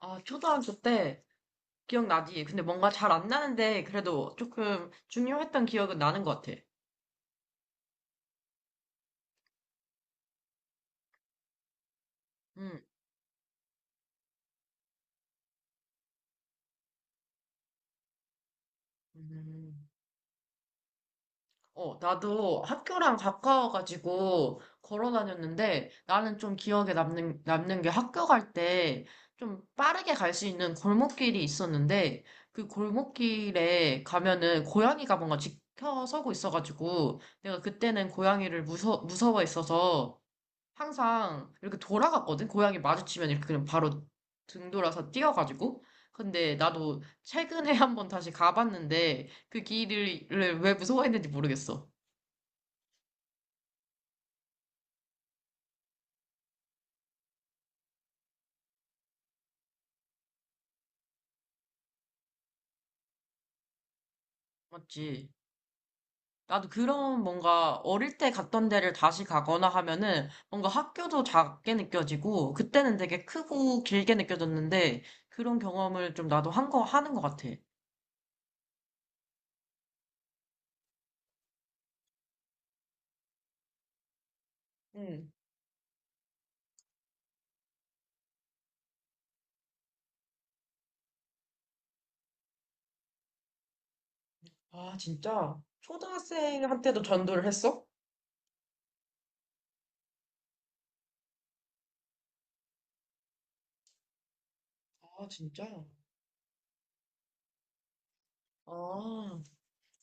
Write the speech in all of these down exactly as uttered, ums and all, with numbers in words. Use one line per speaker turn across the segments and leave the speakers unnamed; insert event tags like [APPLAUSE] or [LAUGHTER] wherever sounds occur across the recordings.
아, 초등학교 때 기억나지? 근데 뭔가 잘 안 나는데 그래도 조금 중요했던 기억은 나는 것 같아. 음, 음. 어, 나도 학교랑 가까워가지고 걸어 다녔는데 나는 좀 기억에 남는, 남는 게 학교 갈 때 좀 빠르게 갈 수 있는 골목길이 있었는데 그 골목길에 가면은 고양이가 뭔가 지켜서고 있어가지고 내가 그때는 고양이를 무서, 무서워했어서 항상 이렇게 돌아갔거든. 고양이 마주치면 이렇게 그냥 바로 등 돌아서 뛰어가지고. 근데 나도 최근에 [LAUGHS] 한번 다시 가봤는데 그 길을 왜 무서워했는지 모르겠어. 맞지? 나도 그런 뭔가 어릴 때 갔던 데를 다시 가거나 하면은 뭔가 학교도 작게 느껴지고 그때는 되게 크고 길게 느껴졌는데 그런 경험을 좀 나도 한 거, 하는 것 같아. 응. 아, 진짜? 초등학생한테도 전도를 했어? 아, 진짜? 아.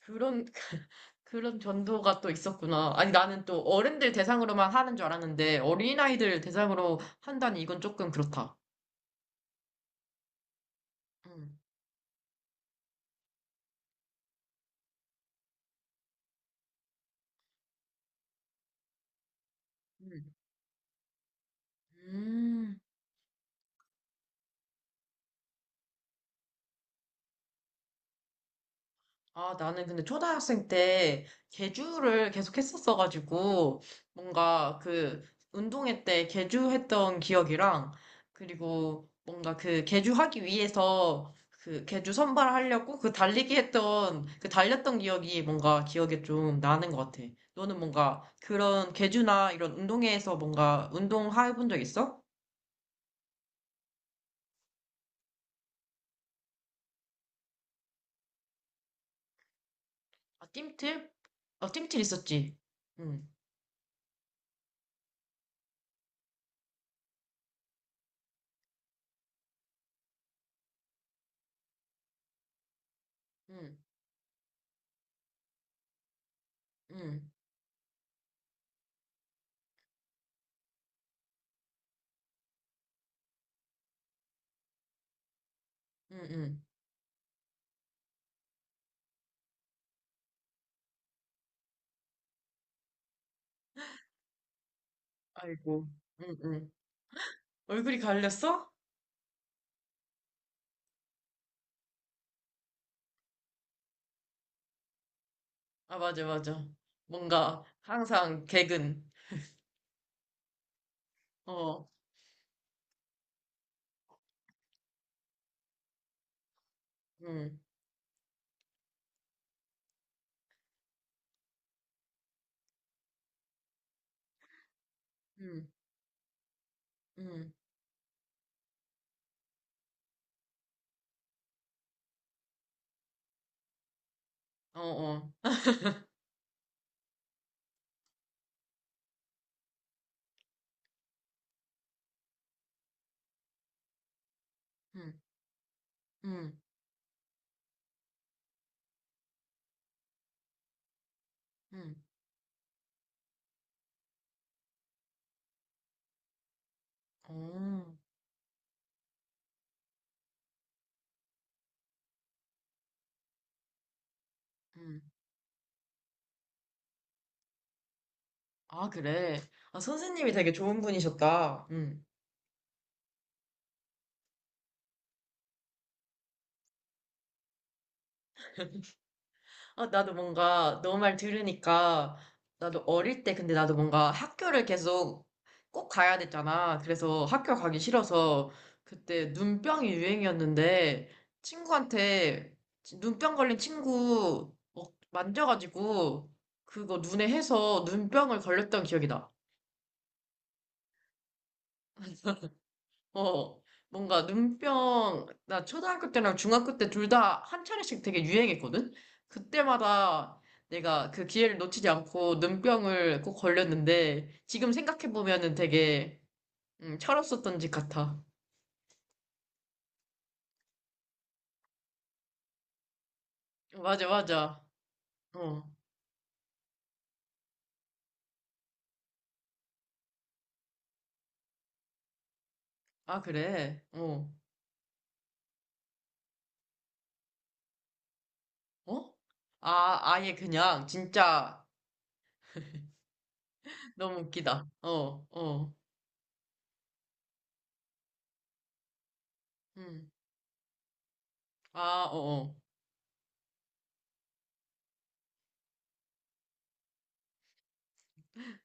그런, [LAUGHS] 그런 전도가 또 있었구나. 아니, 나는 또 어른들 대상으로만 하는 줄 알았는데, 어린아이들 대상으로 한다니 이건 조금 그렇다. 음, 음. 음. 아, 나는 근데 초등학생 때 계주를 계속 했었어가지고, 뭔가 그 운동회 때 계주했던 기억이랑, 그리고 뭔가 그 계주하기 위해서 그 계주 선발하려고 그 달리기 했던, 그 달렸던 기억이 뭔가 기억에 좀 나는 것 같아. 너는 뭔가 그런 계주나 이런 운동회에서 뭔가 운동해 본 적 있어? 아, 뜀틀? 아, 뜀틀 있었지. 응, 응, 응, 응, 응. 아이고. 응, 응. 얼굴이 갈렸어? 아, 맞아, 맞아. 뭔가, 항상 개근. 어, 음, 음, 음, 어, 어, 음, 음, 음, 어, 음. 아, 그래. 아, 선생님이 되게 좋은 분이셨다. 응. 아, 나도 뭔가 너 말 들으니까 나도 어릴 때 근데 나도 뭔가 학교를 계속 꼭 가야 됐잖아. 그래서 학교 가기 싫어서 그때 눈병이 유행이었는데 친구한테 지- 눈병 걸린 친구 어, 만져가지고 그거 눈에 해서 눈병을 걸렸던 기억이 나. 어, 뭔가 눈병, 나 초등학교 때랑 중학교 때 둘 다 한 차례씩 되게 유행했거든? 그때마다 내가 그 기회를 놓치지 않고 눈병을 꼭 걸렸는데, 지금 생각해보면은 되게, 음, 철없었던 짓 같아. 맞아, 맞아. 어. 아, 그래. 어. 어? 아, 아예 그냥, 진짜, 너무 웃기다. 어, 어. 음. 아, 어, 어.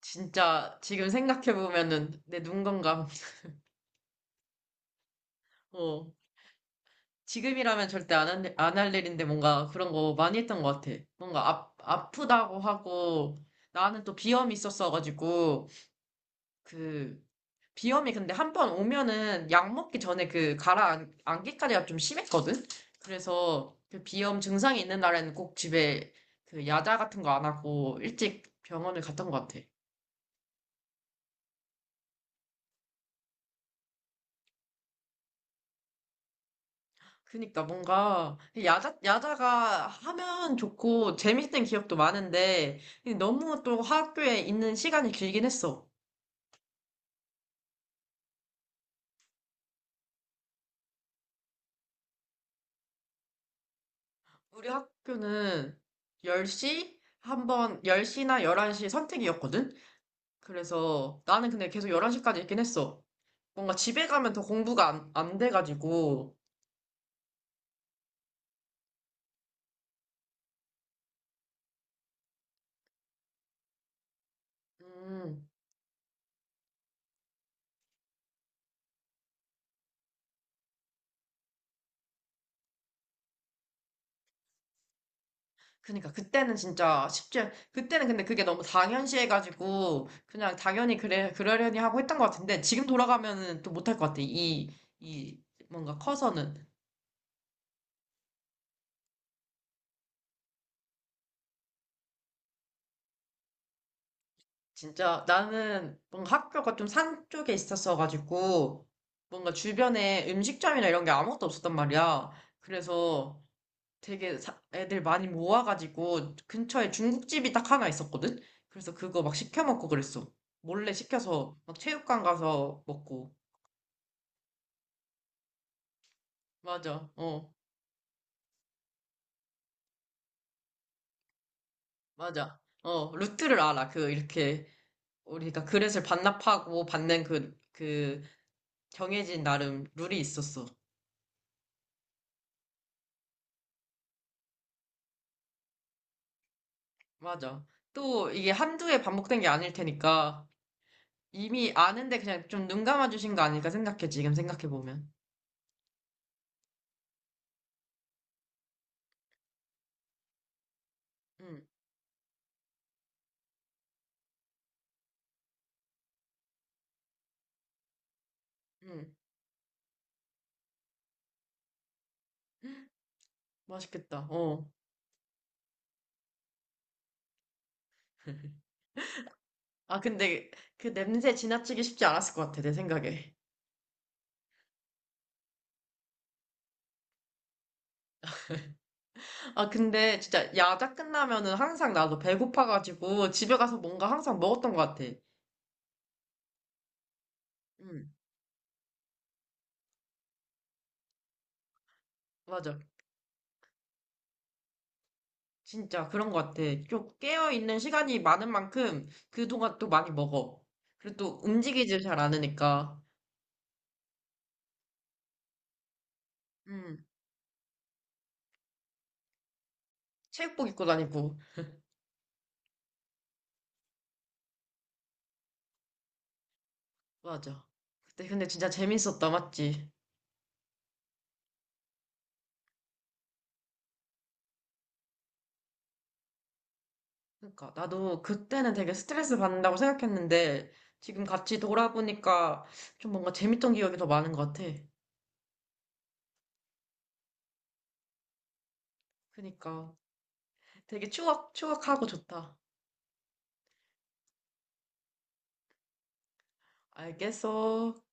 진짜, 지금 생각해보면은 내 눈 건강. [LAUGHS] 어. 지금이라면 절대 안 할, 안할 일인데 뭔가 그런 거 많이 했던 것 같아. 뭔가 아, 아프다고 하고, 나는 또 비염이 있었어가지고, 그, 비염이 근데 한번 오면은 약 먹기 전에 그 가라앉기까지가 좀 심했거든? 그래서 그 비염 증상이 있는 날에는 꼭 집에 그 야자 같은 거 안 하고 일찍 병원을 갔던 것 같아. 그니까 뭔가 야자 야자가 하면 좋고 재밌는 기억도 많은데 너무 또 학교에 있는 시간이 길긴 했어. 우리 학교는 열 시 한 번, 열 시나 열한 시 선택이었거든? 그래서 나는 근데 계속 열한 시까지 있긴 했어. 뭔가 집에 가면 더 공부가 안, 안 돼가지고. 음, 그니까 그때는 진짜 쉽지 않- 그때는 근데 그게 너무 당연시해 가지고 그냥 당연히 그래 그러려니 하고 했던 것 같은데 지금 돌아가면은 또 못할 것 같아. 이 이 뭔가 커서는 진짜 나는 뭔가 학교가 좀 산 쪽에 있었어 가지고 뭔가 주변에 음식점이나 이런 게 아무것도 없었단 말이야. 그래서 되게 사- 애들 많이 모아가지고 근처에 중국집이 딱 하나 있었거든. 그래서 그거 막 시켜 먹고 그랬어. 몰래 시켜서 막 체육관 가서 먹고. 맞아. 어, 맞아. 어, 루트를 알아. 그, 이렇게, 우리가 그릇을 반납하고 받는 그, 그, 정해진 나름 룰이 있었어. 맞아. 또, 이게 한두 해 반복된 게 아닐 테니까, 이미 아는데 그냥 좀 눈 감아주신 거 아닐까 생각해, 지금 생각해보면. 응, 응. [GASPS] 맛있겠다. 어. [LAUGHS] 아, 근데 그 냄새 지나치기 쉽지 않았을 것 같아, 내 생각에. 아, 근데 진짜 야자 끝나면은 항상 나도 배고파가지고 집에 가서 뭔가 항상 먹었던 것 같아. 음, 맞아. 진짜 그런 것 같아. 좀 깨어있는 시간이 많은 만큼 그동안 또 많이 먹어. 그리고 또 움직이질 잘 않으니까. 음, 체육복 입고 다니고. 맞아. 그때 근데 진짜 재밌었다, 맞지? 그러니까 나도 그때는 되게 스트레스 받는다고 생각했는데 지금 같이 돌아보니까 좀 뭔가 재밌던 기억이 더 많은 것 같아. 그러니까 되게 추억, 추억하고 좋다. 알겠어.